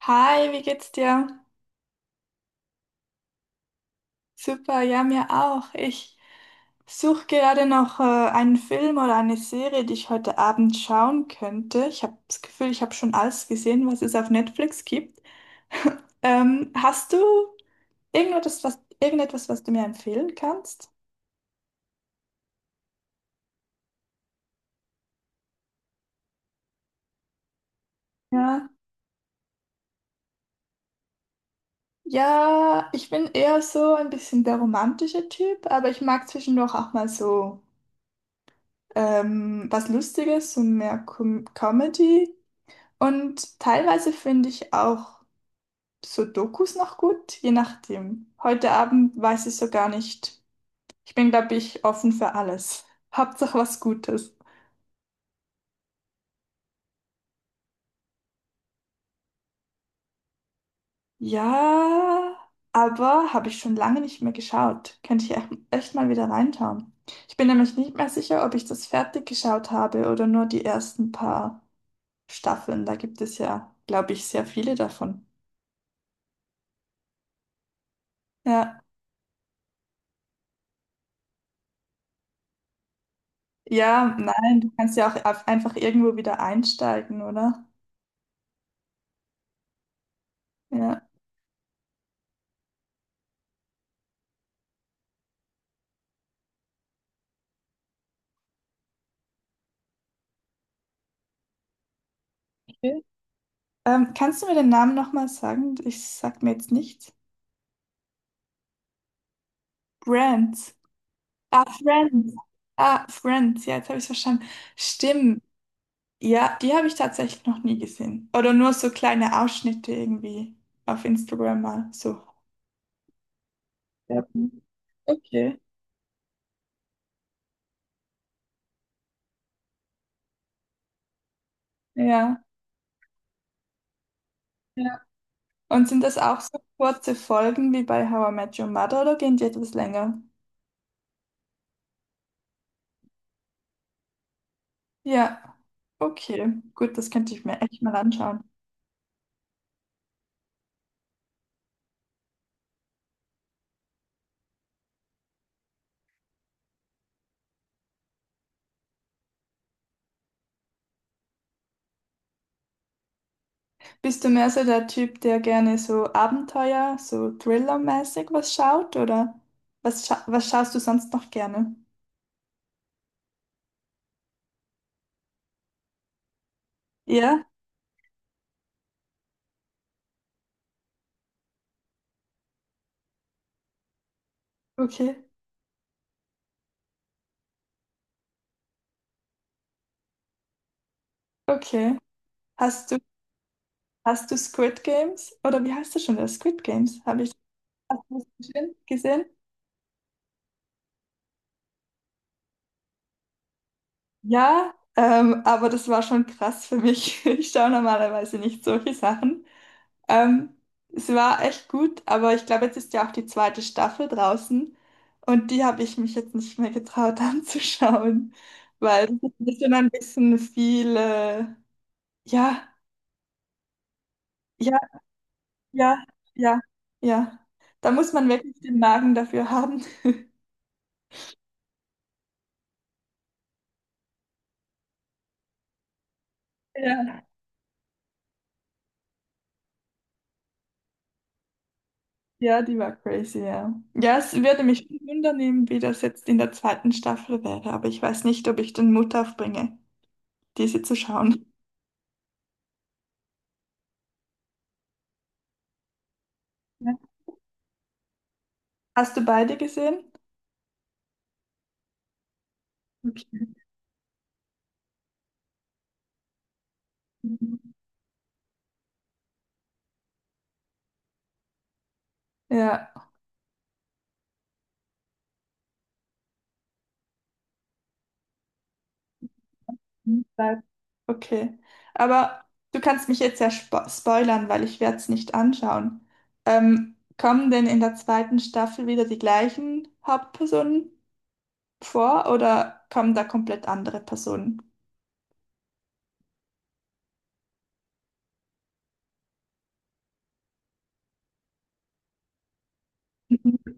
Hi, wie geht's dir? Super, ja, mir auch. Ich suche gerade noch einen Film oder eine Serie, die ich heute Abend schauen könnte. Ich habe das Gefühl, ich habe schon alles gesehen, was es auf Netflix gibt. Hast du irgendetwas, irgendetwas, was du mir empfehlen kannst? Ja. Ja, ich bin eher so ein bisschen der romantische Typ, aber ich mag zwischendurch auch mal so was Lustiges, so mehr Comedy. Und teilweise finde ich auch Sudokus noch gut, je nachdem. Heute Abend weiß ich so gar nicht. Ich bin, glaube ich, offen für alles. Hauptsache was Gutes. Ja, aber habe ich schon lange nicht mehr geschaut. Könnte ich echt mal wieder reinschauen. Ich bin nämlich nicht mehr sicher, ob ich das fertig geschaut habe oder nur die ersten paar Staffeln. Da gibt es ja, glaube ich, sehr viele davon. Ja, ja, nein, du kannst ja auch einfach irgendwo wieder einsteigen, oder? Ja. Okay. Kannst du mir den Namen nochmal sagen? Ich sag mir jetzt nichts. Brands. Ah, Friends. Ah, Friends. Ja, jetzt habe ich es verstanden. Stimmt. Ja, die habe ich tatsächlich noch nie gesehen. Oder nur so kleine Ausschnitte irgendwie auf Instagram mal so. Ja. Okay. Ja. Ja. Und sind das auch so kurze Folgen wie bei How I Met Your Mother oder gehen die etwas länger? Ja. Okay. Gut, das könnte ich mir echt mal anschauen. Bist du mehr so der Typ, der gerne so Abenteuer, so Thriller-mäßig was schaut, oder was schaust du sonst noch gerne? Ja? Okay. Okay. Hast du, hast du Squid Games? Oder wie heißt das schon wieder? Squid Games? Habe ich das gesehen? Ja, aber das war schon krass für mich. Ich schaue normalerweise nicht solche Sachen. Ähm, es war echt gut, aber ich glaube, jetzt ist ja auch die zweite Staffel draußen und die habe ich mich jetzt nicht mehr getraut anzuschauen, weil das ist schon ein bisschen viel. Ja, ja, ja, ja, ja. Da muss man wirklich den Magen dafür haben. Ja. Ja, die war crazy, ja. Ja, es würde mich wundern, wie das jetzt in der zweiten Staffel wäre, aber ich weiß nicht, ob ich den Mut aufbringe, diese zu schauen. Ja. Hast du beide gesehen? Okay. Ja. Beide. Okay. Aber du kannst mich jetzt ja spoilern, weil ich werde es nicht anschauen. Kommen denn in der zweiten Staffel wieder die gleichen Hauptpersonen vor oder kommen da komplett andere Personen? Mhm.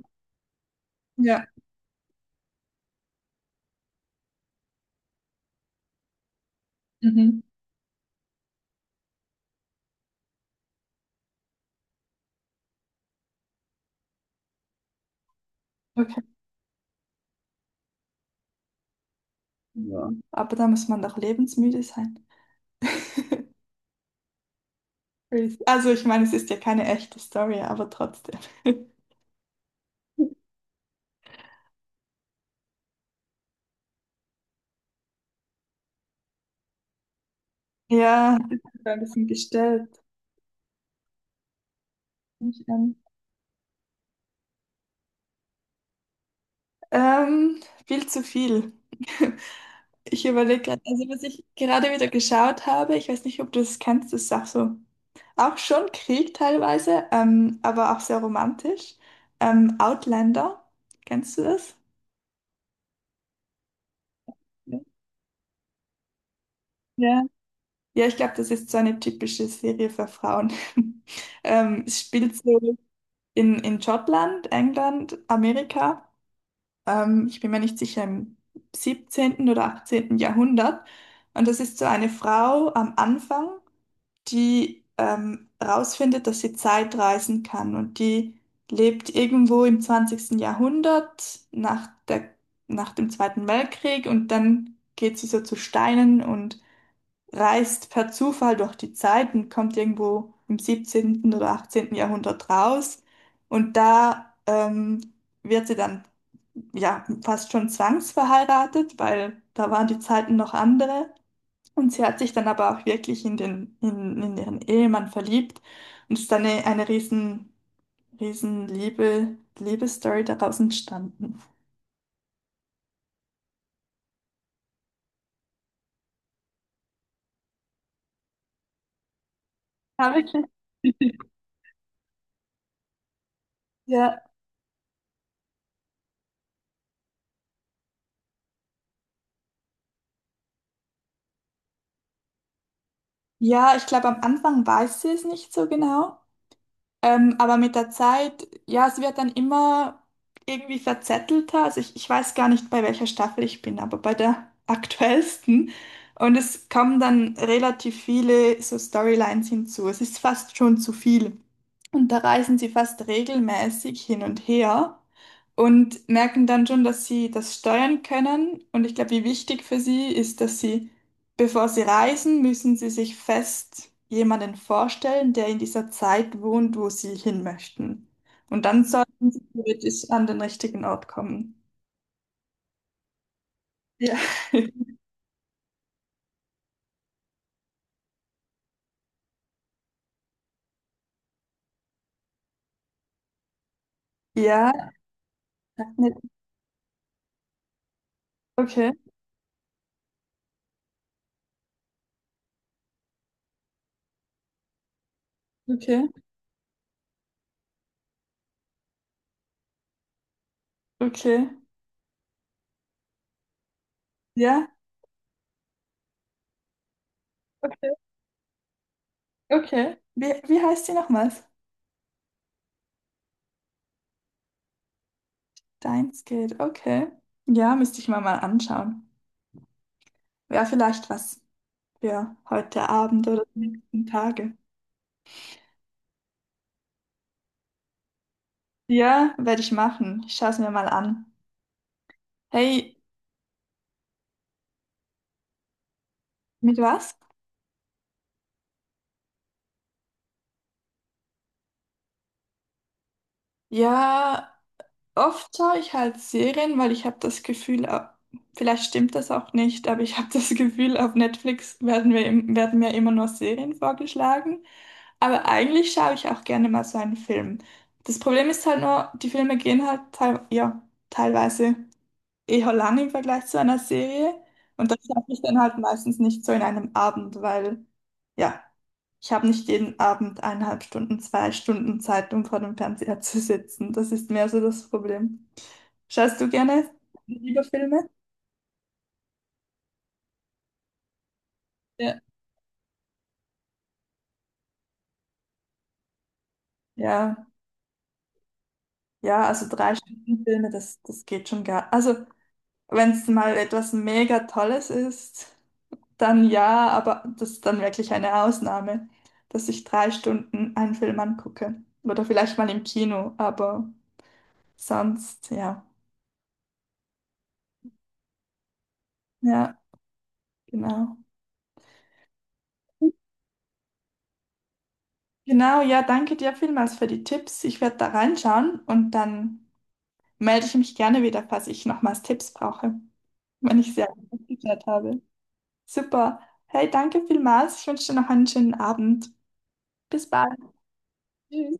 Ja. Mhm. Ja. Aber da muss man doch lebensmüde sein. Crazy. Also ich meine, es ist ja keine echte Story, aber trotzdem. Ja, das ist ein bisschen gestellt. Nicht an. Ähm, viel zu viel. Ich überlege gerade, also was ich gerade wieder geschaut habe, ich weiß nicht, ob du das kennst, das ist auch so, auch schon Krieg teilweise, aber auch sehr romantisch. Outlander, kennst du das? Ja. Ja, ich glaube, das ist so eine typische Serie für Frauen. Es spielt so in Schottland, England, Amerika. Ich bin mir nicht sicher, im 17. oder 18. Jahrhundert. Und das ist so eine Frau am Anfang, die rausfindet, dass sie Zeit reisen kann. Und die lebt irgendwo im 20. Jahrhundert nach dem Zweiten Weltkrieg. Und dann geht sie so zu Steinen und reist per Zufall durch die Zeit und kommt irgendwo im 17. oder 18. Jahrhundert raus. Und da wird sie dann ja fast schon zwangsverheiratet, weil da waren die Zeiten noch andere. Und sie hat sich dann aber auch wirklich in in ihren Ehemann verliebt. Und es ist dann eine riesen Liebesstory daraus entstanden. Ja, wirklich. Ja, ja, ich glaube, am Anfang weiß sie es nicht so genau. Aber mit der Zeit, ja, es wird dann immer irgendwie verzettelter. Also ich weiß gar nicht, bei welcher Staffel ich bin, aber bei der aktuellsten. Und es kommen dann relativ viele so Storylines hinzu. Es ist fast schon zu viel. Und da reisen sie fast regelmäßig hin und her und merken dann schon, dass sie das steuern können. Und ich glaube, wie wichtig für sie ist, dass sie bevor Sie reisen, müssen Sie sich fest jemanden vorstellen, der in dieser Zeit wohnt, wo Sie hin möchten. Und dann sollten Sie theoretisch an den richtigen Ort kommen. Ja. Ja, sag nicht. Okay, okay, okay, ja, okay, okay. Wie, wie heißt die nochmals? Deimsgate, okay. Ja, müsste ich mir mal anschauen. Wäre vielleicht was für heute Abend oder die nächsten Tage. Ja, werde ich machen. Ich schaue es mir mal an. Hey, mit was? Ja, oft schaue ich halt Serien, weil ich habe das Gefühl, vielleicht stimmt das auch nicht, aber ich habe das Gefühl, auf Netflix werden wir, werden mir immer nur Serien vorgeschlagen. Aber eigentlich schaue ich auch gerne mal so einen Film. Das Problem ist halt nur, die Filme gehen halt teilweise eher lang im Vergleich zu einer Serie. Und das schaffe ich dann halt meistens nicht so in einem Abend, weil ja, ich habe nicht jeden Abend 1,5 Stunden, 2 Stunden Zeit, um vor dem Fernseher zu sitzen. Das ist mehr so das Problem. Schaust du gerne lieber Filme? Ja. Ja, ja, also 3 Stunden Filme, das geht schon gar. Also, wenn es mal etwas mega Tolles ist. Dann ja, aber das ist dann wirklich eine Ausnahme, dass ich 3 Stunden einen Film angucke. Oder vielleicht mal im Kino, aber sonst ja. Ja, genau. Genau, ja, danke dir vielmals für die Tipps. Ich werde da reinschauen und dann melde ich mich gerne wieder, falls ich nochmals Tipps brauche, wenn ich sie geklärt habe. Super. Hey, danke vielmals. Ich wünsche dir noch einen schönen Abend. Bis bald. Tschüss.